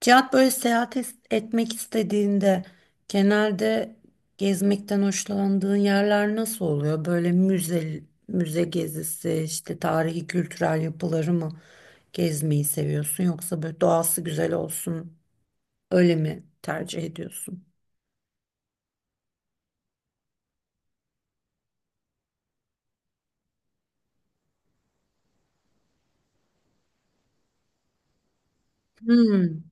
Cihat böyle seyahat etmek istediğinde genelde gezmekten hoşlandığın yerler nasıl oluyor? Böyle müze gezisi, işte tarihi kültürel yapıları mı gezmeyi seviyorsun yoksa böyle doğası güzel olsun öyle mi tercih ediyorsun? Hmm.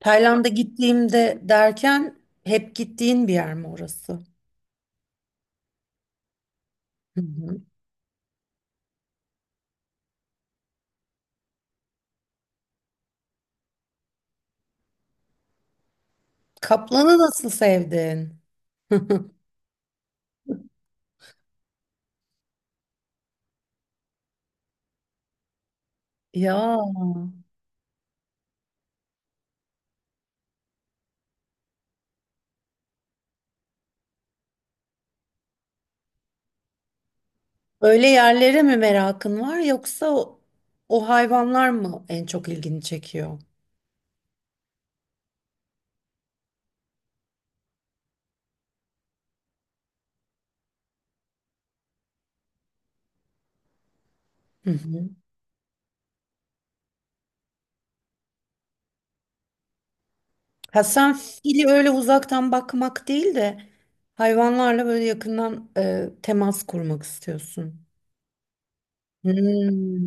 Tayland'a gittiğimde derken hep gittiğin bir yer mi orası? Hı hı. Kaplanı nasıl sevdin? Ya. Öyle yerlere mi merakın var yoksa o hayvanlar mı en çok ilgini çekiyor? Hı hı. Ha, sen fili öyle uzaktan bakmak değil de hayvanlarla böyle yakından temas kurmak istiyorsun. Hmm.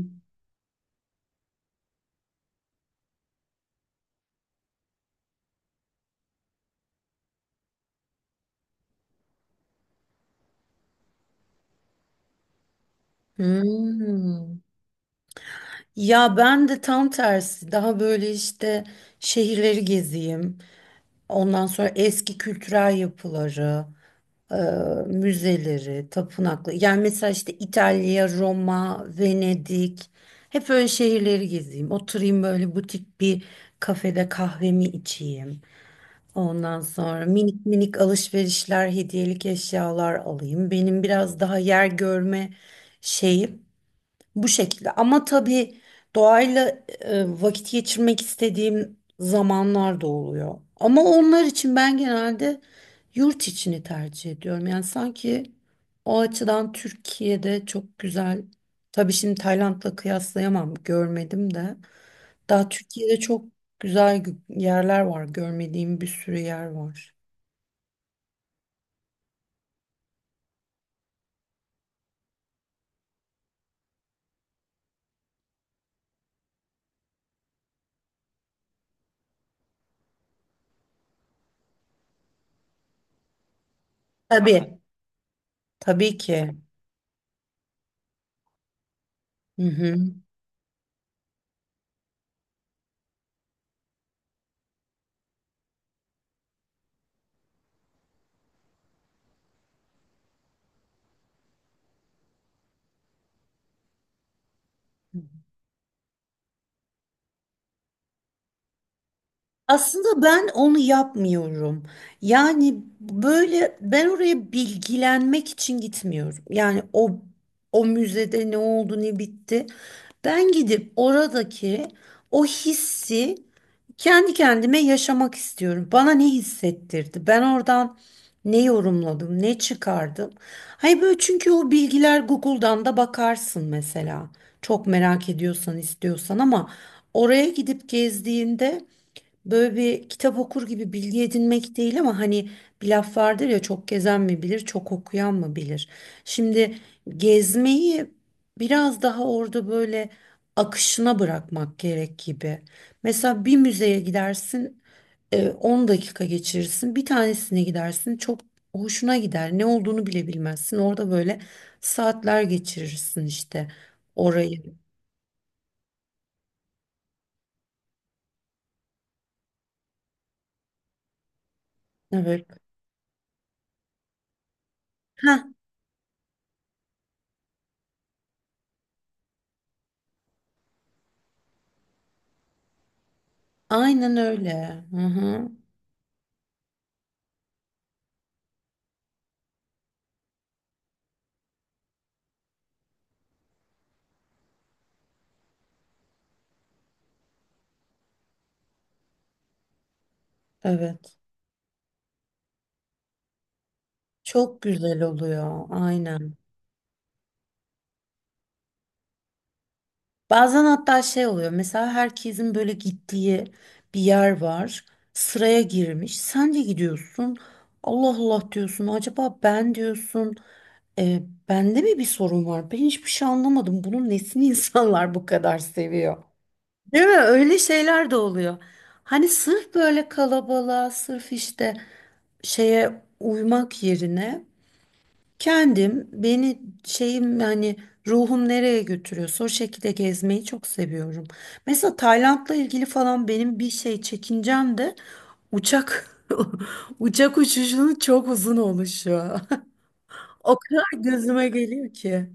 Hmm. Ya ben de tam tersi daha böyle işte şehirleri gezeyim. Ondan sonra eski kültürel yapıları, e, müzeleri, tapınaklı. Yani mesela işte İtalya, Roma, Venedik. Hep öyle şehirleri gezeyim. Oturayım böyle butik bir kafede kahvemi içeyim. Ondan sonra minik minik alışverişler, hediyelik eşyalar alayım. Benim biraz daha yer görme şeyim. Bu şekilde. Ama tabii doğayla vakit geçirmek istediğim zamanlar da oluyor. Ama onlar için ben genelde yurt içini tercih ediyorum. Yani sanki o açıdan Türkiye'de çok güzel. Tabii şimdi Tayland'la kıyaslayamam, görmedim de. Daha Türkiye'de çok güzel yerler var. Görmediğim bir sürü yer var. Tabii, tabii ki. Hı hı. Aslında ben onu yapmıyorum. Yani böyle ben oraya bilgilenmek için gitmiyorum. Yani o müzede ne oldu ne bitti. Ben gidip oradaki o hissi kendi kendime yaşamak istiyorum. Bana ne hissettirdi? Ben oradan ne yorumladım, ne çıkardım? Hayır böyle, çünkü o bilgiler Google'dan da bakarsın mesela. Çok merak ediyorsan, istiyorsan, ama oraya gidip gezdiğinde böyle bir kitap okur gibi bilgi edinmek değil, ama hani bir laf vardır ya, çok gezen mi bilir, çok okuyan mı bilir. Şimdi gezmeyi biraz daha orada böyle akışına bırakmak gerek gibi. Mesela bir müzeye gidersin, 10 dakika geçirirsin, bir tanesine gidersin, çok hoşuna gider. Ne olduğunu bile bilmezsin. Orada böyle saatler geçirirsin işte orayı. Evet. Ha, aynen öyle. Hı hı. Evet. Çok güzel oluyor, aynen. Bazen hatta şey oluyor, mesela herkesin böyle gittiği bir yer var, sıraya girmiş, sen de gidiyorsun, Allah Allah diyorsun, acaba ben diyorsun, e, bende mi bir sorun var? Ben hiçbir şey anlamadım, bunun nesini insanlar bu kadar seviyor? Değil mi? Öyle şeyler de oluyor. Hani sırf böyle kalabalığa, sırf işte şeye uymak yerine kendim beni şeyim yani ruhum nereye götürüyorsa o şekilde gezmeyi çok seviyorum. Mesela Tayland'la ilgili falan benim bir şey çekincem de uçak uçak uçuşunun çok uzun oluşu. O kadar gözüme geliyor ki.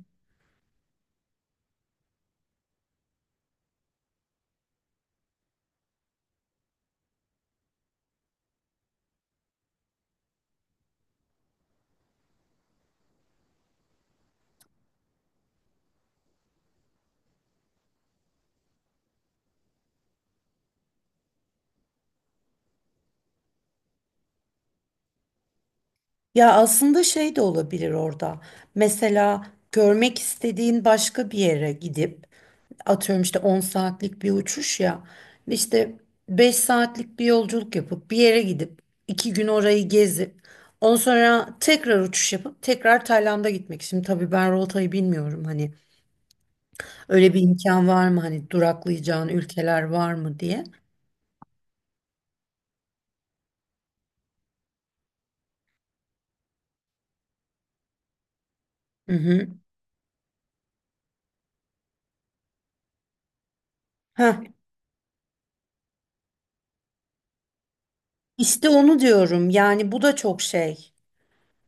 Ya aslında şey de olabilir orada. Mesela görmek istediğin başka bir yere gidip atıyorum işte 10 saatlik bir uçuş ya işte 5 saatlik bir yolculuk yapıp bir yere gidip 2 gün orayı gezip ondan sonra tekrar uçuş yapıp tekrar Tayland'a gitmek. Şimdi tabii ben rotayı bilmiyorum, hani öyle bir imkan var mı, hani duraklayacağın ülkeler var mı diye. Hı hı. Heh, işte onu diyorum yani bu da çok şey.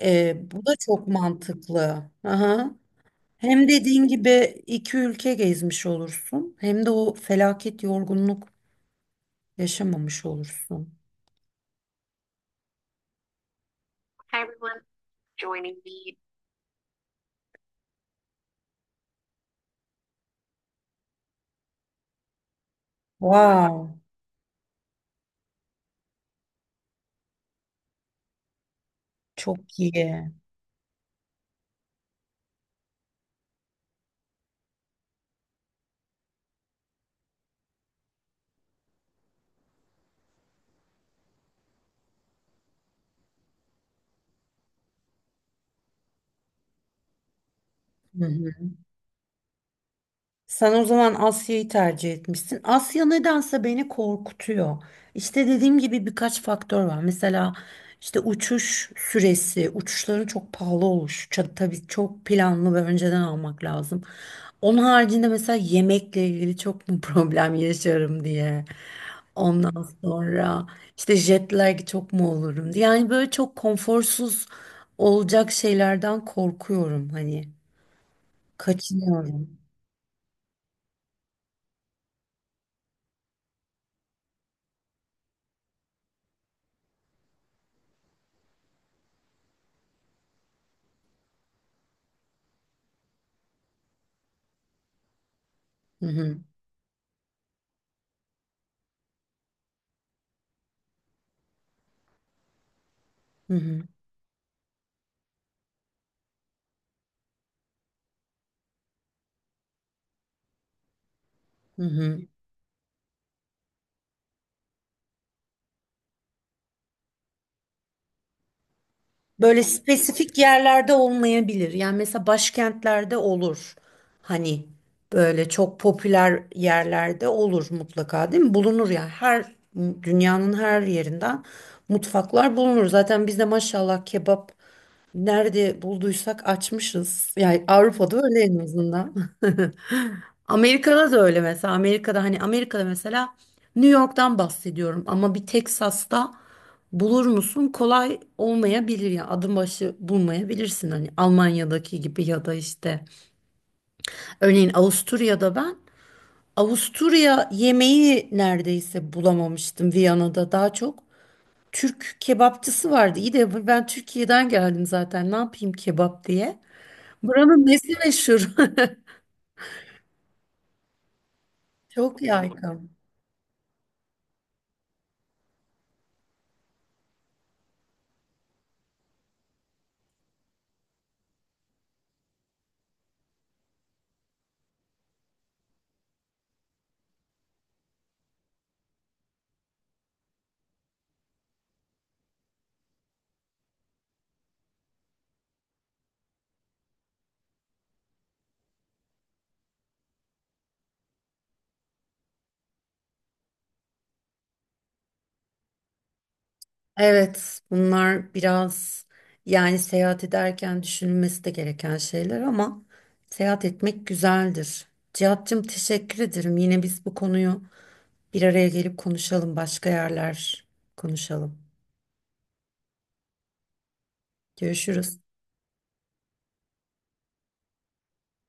Bu da çok mantıklı. Aha. Hem dediğin gibi iki ülke gezmiş olursun, hem de o felaket yorgunluk yaşamamış olursun. Wow, çok iyi. Hı hı. Sen o zaman Asya'yı tercih etmişsin. Asya nedense beni korkutuyor. İşte dediğim gibi birkaç faktör var. Mesela işte uçuş süresi, uçuşların çok pahalı oluşu. Tabii çok planlı ve önceden almak lazım. Onun haricinde mesela yemekle ilgili çok mu problem yaşarım diye. Ondan sonra işte jet lag çok mu olurum diye. Yani böyle çok konforsuz olacak şeylerden korkuyorum hani. Kaçınıyorum. Hı hı. Hı hı. Hı hı. Böyle spesifik yerlerde olmayabilir. Yani mesela başkentlerde olur. Hani böyle çok popüler yerlerde olur mutlaka değil mi? Bulunur ya. Her dünyanın her yerinden mutfaklar bulunur. Zaten biz de maşallah kebap nerede bulduysak açmışız. Yani Avrupa'da öyle en azından. Amerika'da da öyle mesela. Amerika'da, hani Amerika'da mesela New York'tan bahsediyorum, ama bir Texas'ta bulur musun? Kolay olmayabilir ya. Adım başı bulmayabilirsin hani Almanya'daki gibi ya da işte örneğin Avusturya'da ben Avusturya yemeği neredeyse bulamamıştım Viyana'da daha çok. Türk kebapçısı vardı. İyi de ben Türkiye'den geldim zaten. Ne yapayım kebap diye. Buranın nesi meşhur? Çok yaygın. Evet, bunlar biraz yani seyahat ederken düşünülmesi de gereken şeyler, ama seyahat etmek güzeldir. Cihat'cığım, teşekkür ederim. Yine biz bu konuyu bir araya gelip konuşalım. Başka yerler konuşalım. Görüşürüz.